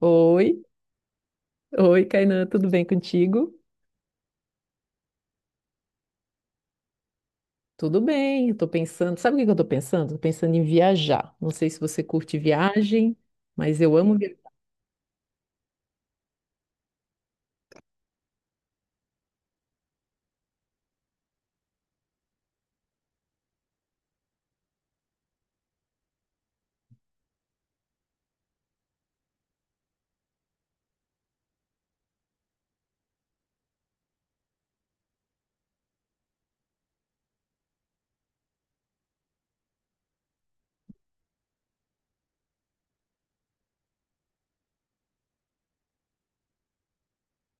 Oi. Oi, Kainan, tudo bem contigo? Tudo bem, eu tô pensando, sabe o que que eu tô pensando? Tô pensando em viajar. Não sei se você curte viagem, mas eu amo viajar.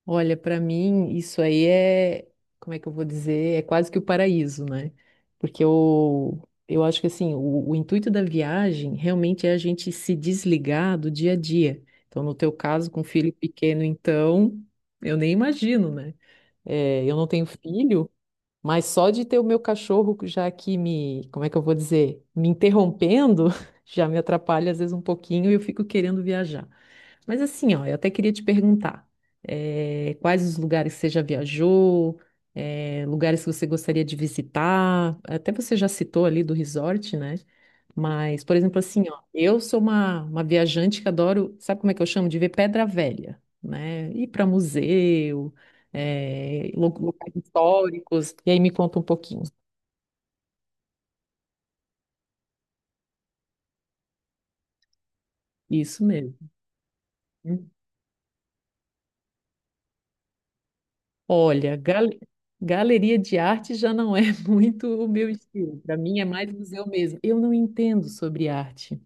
Olha, para mim isso aí é, como é que eu vou dizer? É quase que o paraíso, né? Porque eu acho que assim, o intuito da viagem realmente é a gente se desligar do dia a dia. Então, no teu caso, com filho pequeno, então, eu nem imagino, né? É, eu não tenho filho, mas só de ter o meu cachorro já aqui me, como é que eu vou dizer, me interrompendo, já me atrapalha às vezes um pouquinho e eu fico querendo viajar. Mas assim, ó, eu até queria te perguntar, quais os lugares que você já viajou, lugares que você gostaria de visitar, até você já citou ali do resort, né? Mas, por exemplo, assim, ó, eu sou uma viajante que adoro, sabe como é que eu chamo? De ver pedra velha, né? Ir para museu, locais históricos, e aí me conta um pouquinho. Isso mesmo. Olha, galeria de arte já não é muito o meu estilo. Para mim é mais museu mesmo. Eu não entendo sobre arte.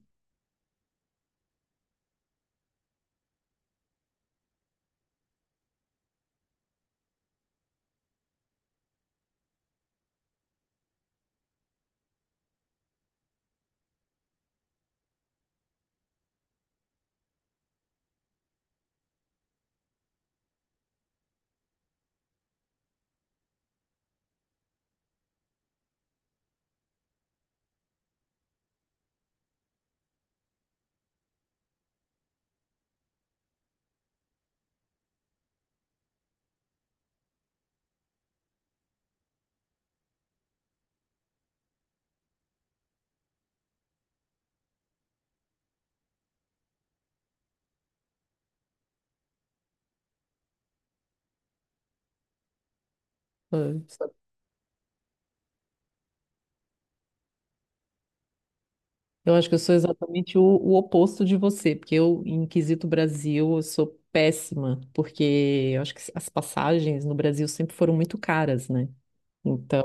Ah, só- Eu acho que eu sou exatamente o oposto de você, porque eu, em quesito Brasil, eu sou péssima, porque eu acho que as passagens no Brasil sempre foram muito caras, né? Então,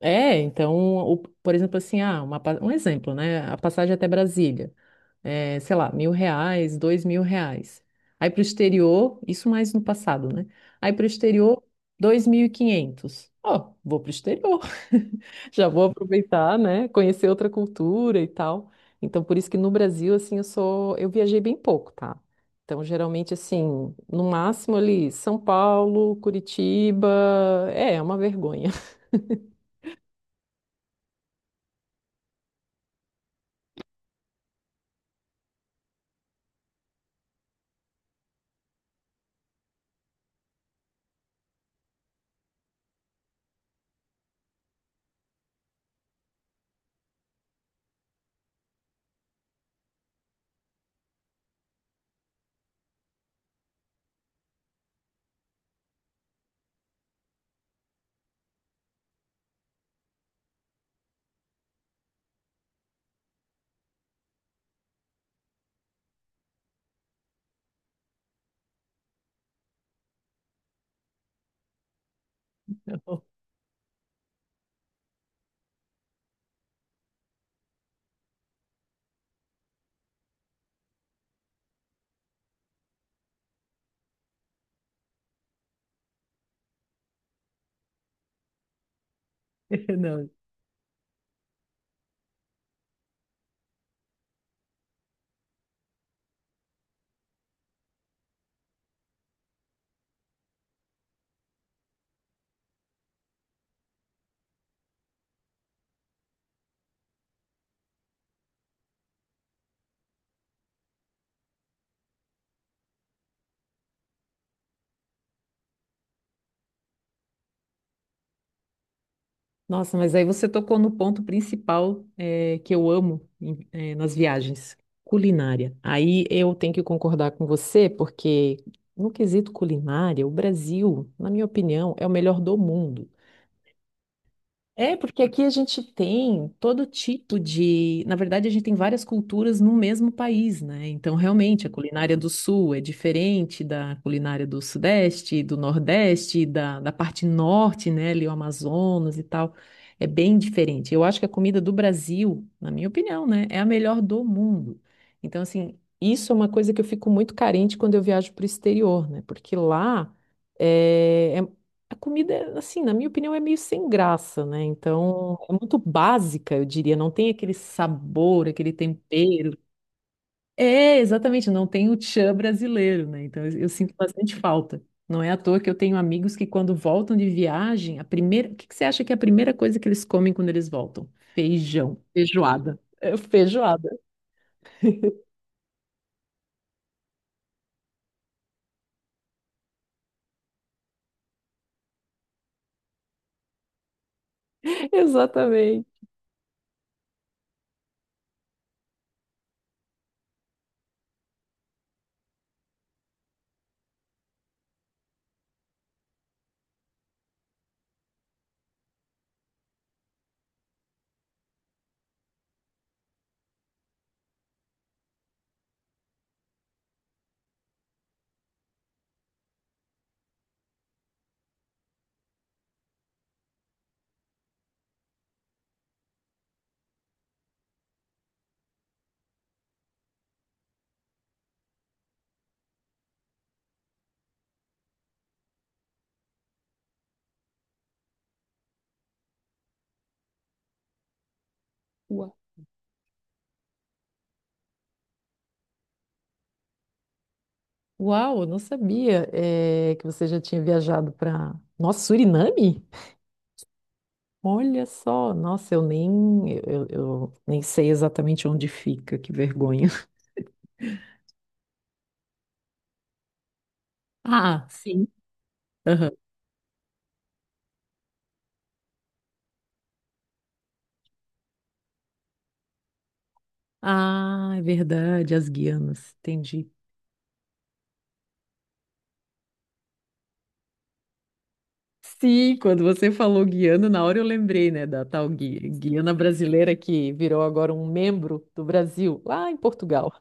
então, por exemplo, assim, ah, um exemplo, né? A passagem até Brasília. É, sei lá, R$ 1.000, R$ 2.000. Aí para o exterior, isso mais no passado, né? Aí para o exterior, 2.500. Ó, vou para o exterior. Já vou aproveitar, né? Conhecer outra cultura e tal. Então, por isso que no Brasil, assim, eu sou, eu viajei bem pouco, tá? Então, geralmente, assim, no máximo ali, São Paulo, Curitiba, é uma vergonha. Não. Nossa, mas aí você tocou no ponto principal, que eu amo, nas viagens, culinária. Aí eu tenho que concordar com você, porque no quesito culinária, o Brasil, na minha opinião, é o melhor do mundo. É, porque aqui a gente tem todo tipo de. Na verdade, a gente tem várias culturas no mesmo país, né? Então, realmente, a culinária do Sul é diferente da culinária do Sudeste, do Nordeste, da parte Norte, né? Ali, o Amazonas e tal. É bem diferente. Eu acho que a comida do Brasil, na minha opinião, né? É a melhor do mundo. Então, assim, isso é uma coisa que eu fico muito carente quando eu viajo para o exterior, né? Porque lá. eh, É, a comida, é, assim, na minha opinião, é meio sem graça, né? Então, é muito básica, eu diria. Não tem aquele sabor, aquele tempero. É, exatamente, não tem o tchan brasileiro, né? Então, eu sinto bastante falta. Não é à toa que eu tenho amigos que, quando voltam de viagem, a primeira... O que que você acha que é a primeira coisa que eles comem quando eles voltam? Feijão, feijoada. É, feijoada. Exatamente. Uau, Uau, eu não sabia, é, que você já tinha viajado para... Nossa, Suriname? Olha só, nossa, eu nem sei exatamente onde fica, que vergonha. Ah, sim. Aham. Ah, é verdade, as Guianas, entendi. Sim, quando você falou Guiana, na hora eu lembrei, né, da tal Guiana brasileira que virou agora um membro do Brasil, lá em Portugal.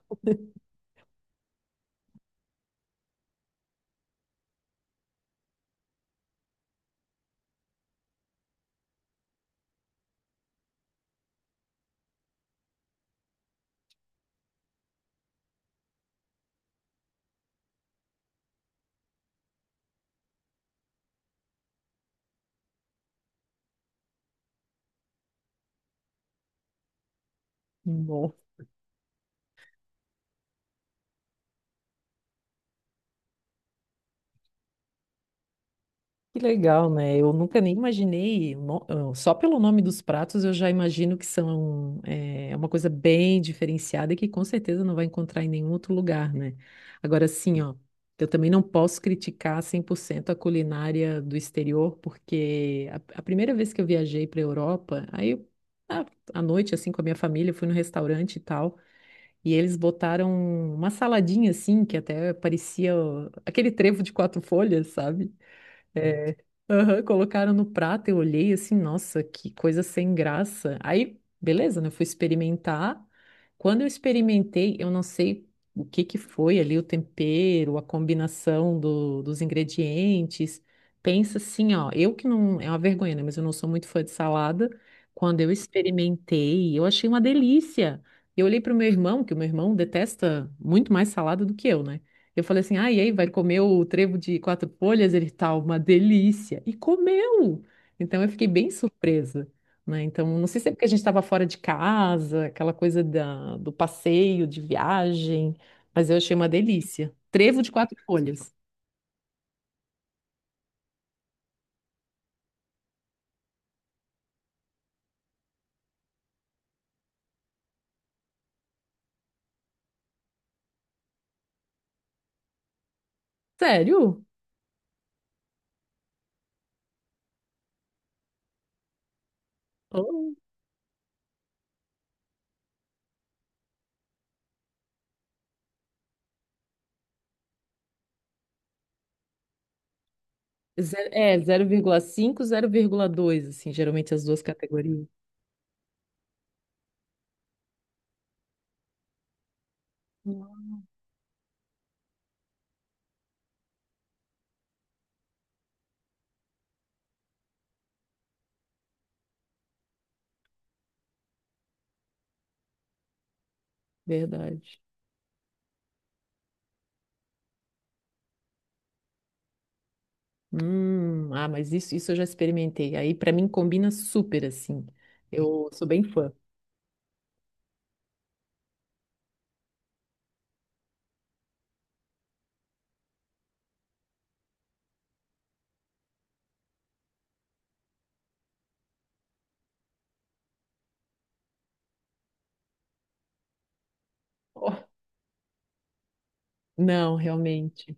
Que legal, né? Eu nunca nem imaginei, só pelo nome dos pratos eu já imagino que são é, uma coisa bem diferenciada e que com certeza não vai encontrar em nenhum outro lugar, né? Agora sim, ó, eu também não posso criticar 100% a culinária do exterior, porque a primeira vez que eu viajei para a Europa, aí eu, à à noite, assim, com a minha família, eu fui no restaurante e tal, e eles botaram uma saladinha, assim, que até parecia ó, aquele trevo de quatro folhas, sabe? É, aham, colocaram no prato, eu olhei assim, nossa, que coisa sem graça. Aí, beleza, né? Eu fui experimentar. Quando eu experimentei, eu não sei o que que foi ali, o tempero, a combinação dos ingredientes. Pensa assim, ó, eu que não, é uma vergonha, né? Mas eu não sou muito fã de salada. Quando eu experimentei, eu achei uma delícia. Eu olhei para o meu irmão, que o meu irmão detesta muito mais salada do que eu, né? Eu falei assim, ah, e aí, vai comer o trevo de quatro folhas? Ele tá uma delícia. E comeu! Então eu fiquei bem surpresa, né? Então, não sei se é porque a gente estava fora de casa, aquela coisa da, do passeio, de viagem, mas eu achei uma delícia. Trevo de quatro folhas. Sério? Oh. É, 0,5, 0,2, assim, geralmente as duas categorias. Hum. Verdade. Ah, mas isso eu já experimentei. Aí, pra mim, combina super, assim. Eu sou bem fã. Oh, não, realmente.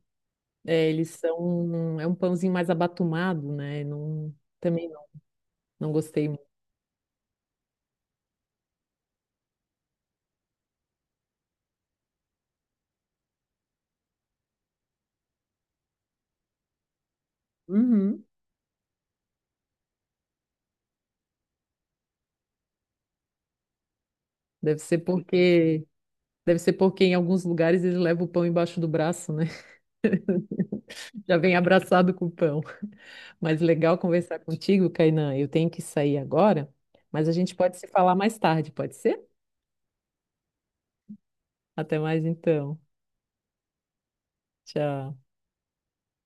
É, eles são. É um pãozinho mais abatumado, né? Não, também não, não gostei muito. Uhum. Deve ser porque. Deve ser porque em alguns lugares eles levam o pão embaixo do braço, né? Já vem abraçado com o pão. Mas legal conversar contigo, Kainan. Eu tenho que sair agora, mas a gente pode se falar mais tarde, pode ser? Até mais então. Tchau.